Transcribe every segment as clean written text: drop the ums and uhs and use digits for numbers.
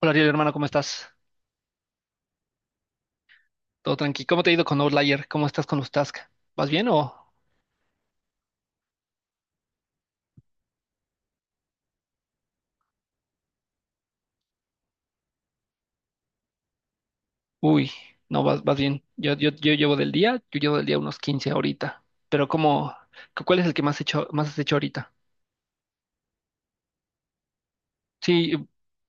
Hola Ariel, hermano, ¿cómo estás? ¿Todo tranqui? ¿Cómo te ha ido con Outlier? ¿Cómo estás con los tasks? ¿Vas bien o? Uy, no, vas bien. Yo llevo del día, yo llevo del día unos 15 ahorita. Pero ¿cómo? ¿Cuál es el que más has hecho ahorita? Sí,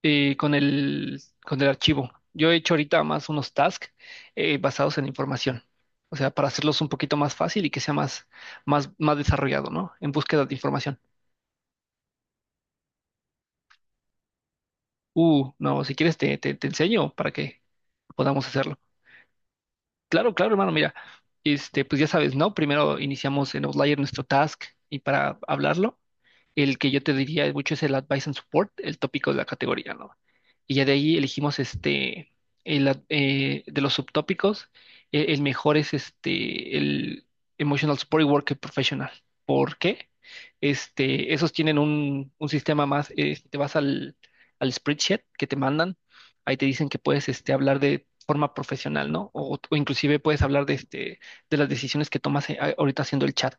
con el archivo. Yo he hecho ahorita más unos tasks, basados en información. O sea, para hacerlos un poquito más fácil y que sea más desarrollado, ¿no? En búsqueda de información. No, si quieres te enseño para que podamos hacerlo. Claro, claro, hermano, mira, pues ya sabes, ¿no? Primero iniciamos en Outlier nuestro task y para hablarlo, el que yo te diría mucho es el Advice and Support, el tópico de la categoría, ¿no? Y ya de ahí elegimos, de los subtópicos. El mejor es el Emotional Support Worker Professional. ¿Por qué? Esos tienen un sistema más. Te vas al spreadsheet que te mandan, ahí te dicen que puedes, hablar de forma profesional, ¿no? O inclusive puedes hablar de las decisiones que tomas, ahorita haciendo el chat.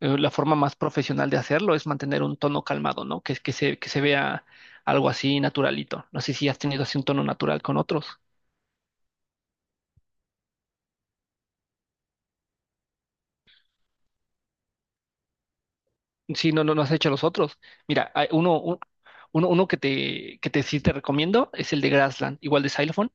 La forma más profesional de hacerlo es mantener un tono calmado, ¿no? Que se vea algo así naturalito. No sé si has tenido así un tono natural con otros. Si no, has hecho los otros. Mira, hay uno que te sí te recomiendo, es el de Grassland, igual de Xylophone.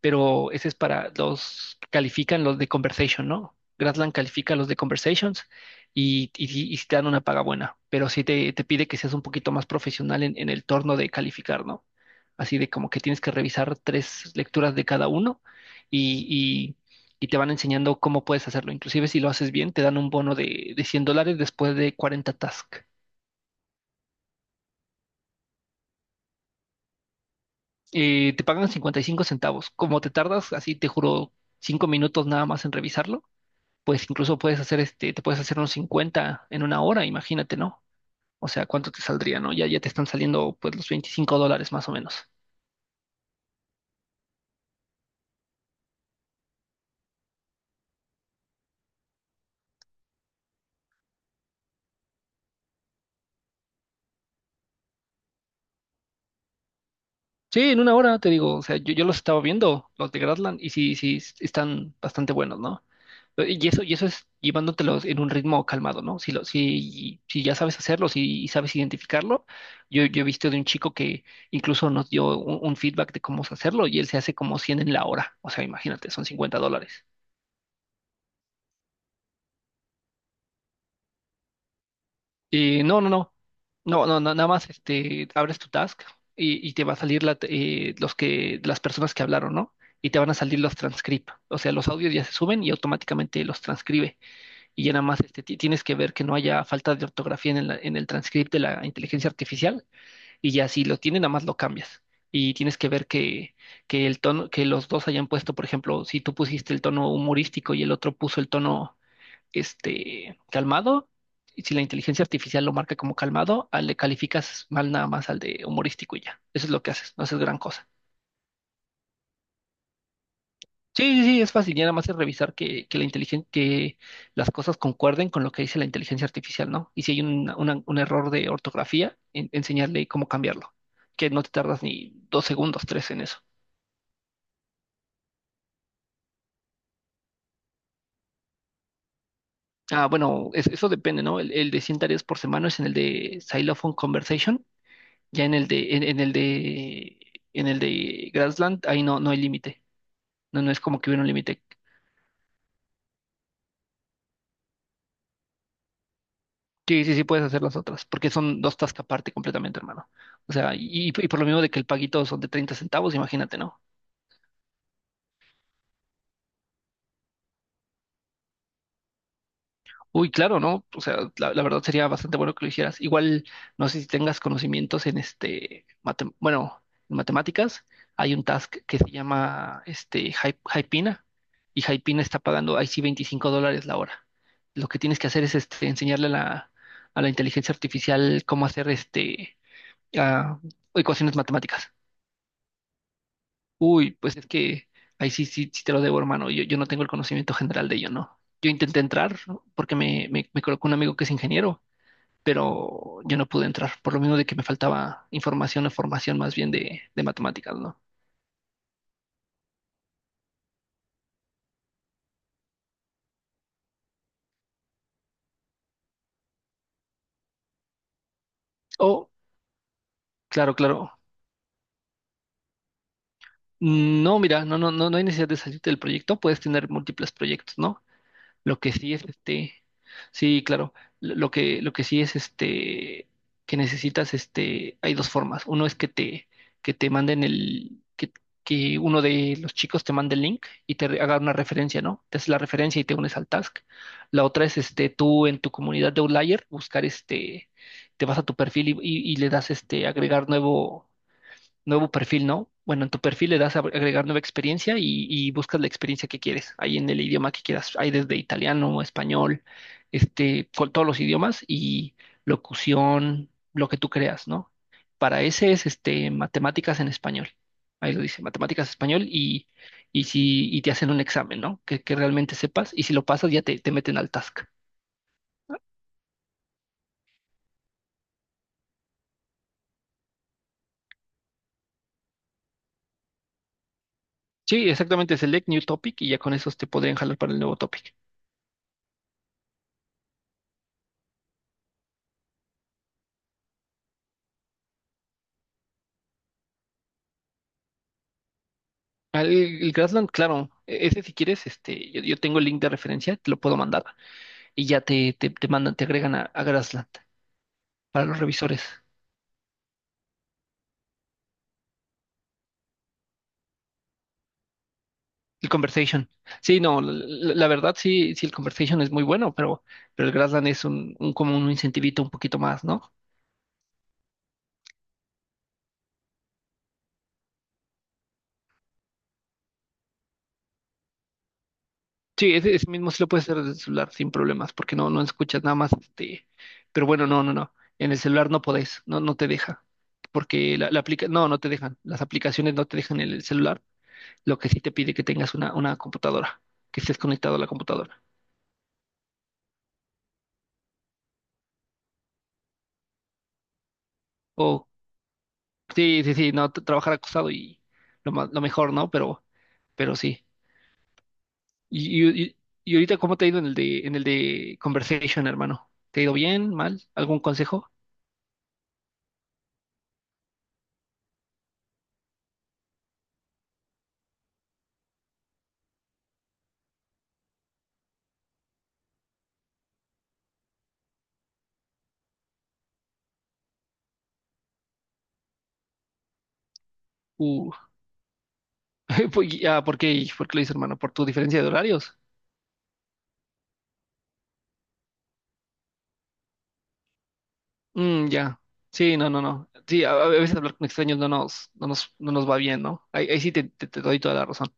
Pero ese es para los que califican los de Conversation, ¿no? Gradland califica los de Conversations, y, y, sí te dan una paga buena, pero sí te pide que seas un poquito más profesional en el torno de calificar, ¿no? Así de como que tienes que revisar tres lecturas de cada uno y, y- y te van enseñando cómo puedes hacerlo. Inclusive si lo haces bien, te dan un bono de $100 después de 40 tasks. Te pagan 55 centavos. Como te tardas, así te juro, 5 minutos nada más en revisarlo, pues incluso te puedes hacer unos 50 en una hora, imagínate, ¿no? O sea, ¿cuánto te saldría, no? Ya te están saliendo pues los $25 más o menos. Sí, en una hora, te digo, o sea, yo los estaba viendo, los de Gradland, y sí, sí, están bastante buenos, ¿no? Y eso es llevándotelos en un ritmo calmado, ¿no? Si ya sabes hacerlo, si sabes identificarlo, yo he visto de un chico que incluso nos dio un feedback de cómo hacerlo y él se hace como 100 en la hora, o sea, imagínate, son $50. No, no, no. No, no, nada más, abres tu task y te va a salir las personas que hablaron, ¿no? Y te van a salir los transcript. O sea, los audios ya se suben y automáticamente los transcribe. Y ya nada más, tienes que ver que no haya falta de ortografía en el transcript de la inteligencia artificial. Y ya si lo tiene, nada más lo cambias. Y tienes que ver que el tono, que los dos hayan puesto. Por ejemplo, si tú pusiste el tono humorístico y el otro puso el tono, calmado, y si la inteligencia artificial lo marca como calmado, le calificas mal nada más al de humorístico y ya. Eso es lo que haces, no haces gran cosa. Sí, sí, sí, es fácil, ya nada más es revisar que las cosas concuerden con lo que dice la inteligencia artificial, ¿no? Y si hay un error de ortografía, enseñarle cómo cambiarlo, que no te tardas ni 2 segundos, tres en eso. Ah, bueno, eso depende, ¿no? El de 100 tareas por semana es en el de Xylophone Conversation. Ya en el de Grassland, ahí no, no hay límite. No, no es como que hubiera un límite. Sí, sí, sí puedes hacer las otras, porque son dos tasks aparte completamente, hermano. O sea, y por lo mismo de que el paguito son de 30 centavos, imagínate, ¿no? Uy, claro, ¿no? O sea, la verdad sería bastante bueno que lo hicieras. Igual, no sé si tengas conocimientos en matemáticas, hay un task que se llama, Hypina, y Hypina está pagando ahí sí $25 la hora. Lo que tienes que hacer es, enseñarle a la inteligencia artificial cómo hacer, ah, ecuaciones matemáticas. Uy, pues es que ahí sí, sí, sí te lo debo, hermano. Yo no tengo el conocimiento general de ello, ¿no? Yo intenté entrar, ¿no?, porque me colocó un amigo que es ingeniero, pero yo no pude entrar, por lo menos de que me faltaba información o formación más bien de matemáticas, ¿no? O, claro, claro. No, mira, no, no hay necesidad de salir del proyecto, puedes tener múltiples proyectos, ¿no? Lo que sí es, sí, claro, lo que sí es, que necesitas, hay dos formas. Uno es que te manden, que uno de los chicos te mande el link y haga una referencia, ¿no? Te hace la referencia y te unes al task. La otra es, tú en tu comunidad de Outlier buscar, te vas a tu perfil y le das, agregar nuevo perfil, ¿no? Bueno, en tu perfil le das a agregar nueva experiencia y buscas la experiencia que quieres, ahí en el idioma que quieras. Hay desde italiano, español, con todos los idiomas y locución, lo que tú creas, ¿no? Para ese es, matemáticas en español. Ahí lo dice, matemáticas español, y si y te hacen un examen, ¿no?, que realmente sepas, y si lo pasas ya te meten al task. Sí, exactamente, select new topic, y ya con esos te podrían jalar para el nuevo topic. El Grassland, claro, ese si quieres, yo, yo tengo el link de referencia, te lo puedo mandar y ya te mandan, te agregan a Grassland, para los revisores. El Conversation. Sí, no, la verdad sí, sí, el Conversation es muy bueno, pero el Grassland es un como un incentivito un poquito más, ¿no? Sí, ese mismo sí lo puedes hacer desde el celular sin problemas, porque no, no escuchas nada más, pero bueno, no, no, no. En el celular no podés, no, no te deja. Porque no, no te dejan. Las aplicaciones no te dejan en el celular. Lo que sí te pide que tengas una computadora, que estés conectado a la computadora. O, sí, sí, sí, no, trabajar acostado y lo mejor, ¿no? Pero sí. Y, y, y- y ahorita, ¿cómo te ha ido en el de Conversation, hermano? ¿Te ha ido bien, mal? ¿Algún consejo? Uh, pues, ya, ¿por qué? ¿Por qué lo dices, hermano? ¿Por tu diferencia de horarios? Mm, ya. Sí, no, no, no. Sí, a veces hablar con extraños no nos va bien, ¿no? Ahí sí te doy toda la razón.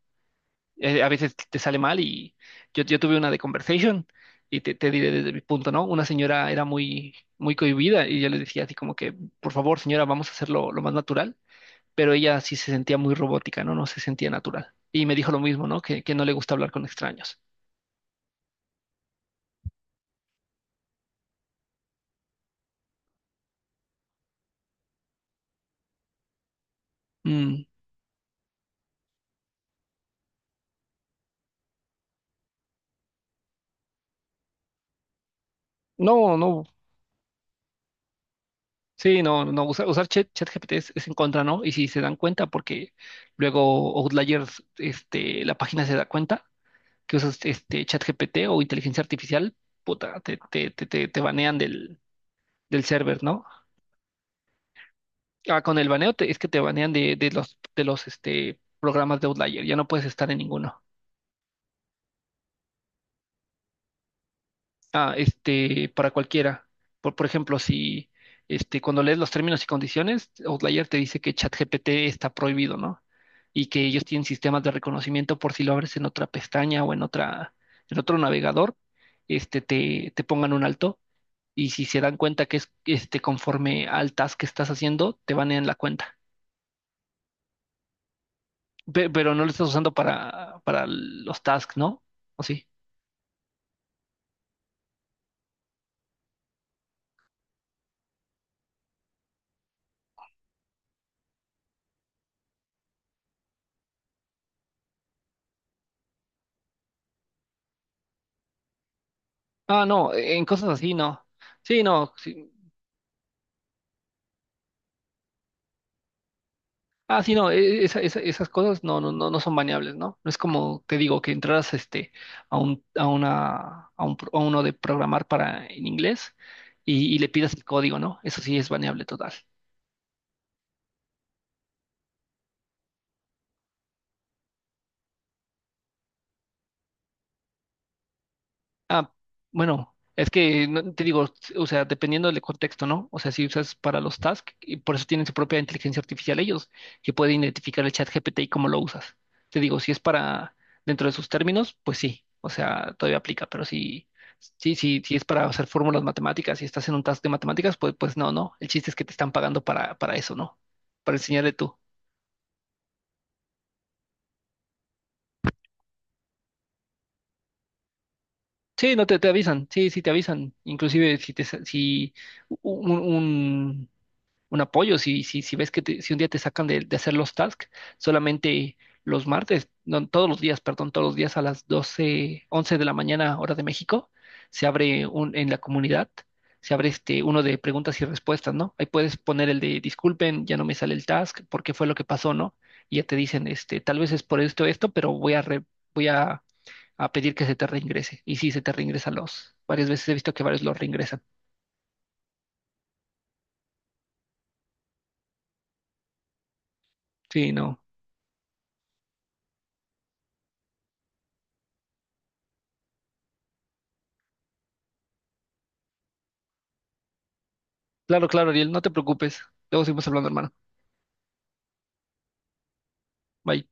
A veces te sale mal y yo tuve una de conversation y te diré desde mi punto, ¿no? Una señora era muy, muy cohibida y yo le decía así como que, por favor, señora, vamos a hacerlo lo más natural, pero ella sí se sentía muy robótica, ¿no? No se sentía natural. Y me dijo lo mismo, ¿no?, que no le gusta hablar con extraños. Mm. No, no. Sí, no, no, usar ChatGPT es en contra, ¿no? Y si se dan cuenta, porque luego Outliers, la página se da cuenta, que usas este ChatGPT o inteligencia artificial, puta, te banean del server, ¿no? Ah, con el baneo, es que te banean de los programas de Outlier, ya no puedes estar en ninguno. Para cualquiera. Por ejemplo, si este, cuando lees los términos y condiciones, Outlier te dice que ChatGPT está prohibido, ¿no? Y que ellos tienen sistemas de reconocimiento por si lo abres en otra pestaña o en otro navegador, te pongan un alto, y si se dan cuenta que es conforme al task que estás haciendo, te van la cuenta. Pero no lo estás usando para los tasks, ¿no? ¿O sí? Ah, no, en cosas así no. Sí, no. Sí. Ah, sí, no, esas cosas no son baneables, ¿no? No es como te digo que entraras, a un, a una, a un, pro- a uno de programar para en inglés y le pidas el código, ¿no? Eso sí es baneable total. Ah, bueno, es que te digo, o sea, dependiendo del contexto, ¿no? O sea, si usas para los tasks, y por eso tienen su propia inteligencia artificial ellos, que pueden identificar el chat GPT y cómo lo usas. Te digo, si es para dentro de sus términos, pues sí, o sea, todavía aplica, pero sí, si es para hacer fórmulas matemáticas y estás en un task de matemáticas, pues, pues no, no. El chiste es que te están pagando para eso, ¿no? Para enseñarle tú. Sí, no te avisan, sí, sí te avisan. Inclusive si un, un un apoyo. Si ves si un día te sacan de hacer los tasks, solamente los martes, no, todos los días, perdón, todos los días a las 12 11 de la mañana, hora de México, se abre, en la comunidad, se abre, uno de preguntas y respuestas, ¿no? Ahí puedes poner el de disculpen, ya no me sale el task, ¿por qué fue lo que pasó, no? Y ya te dicen, tal vez es por esto, esto, pero voy a pedir que se te reingrese. Y sí, se te reingresan. Varias veces he visto que varios los reingresan. Sí, no. Claro, claro, Ariel, no te preocupes. Luego seguimos hablando, hermano. Bye.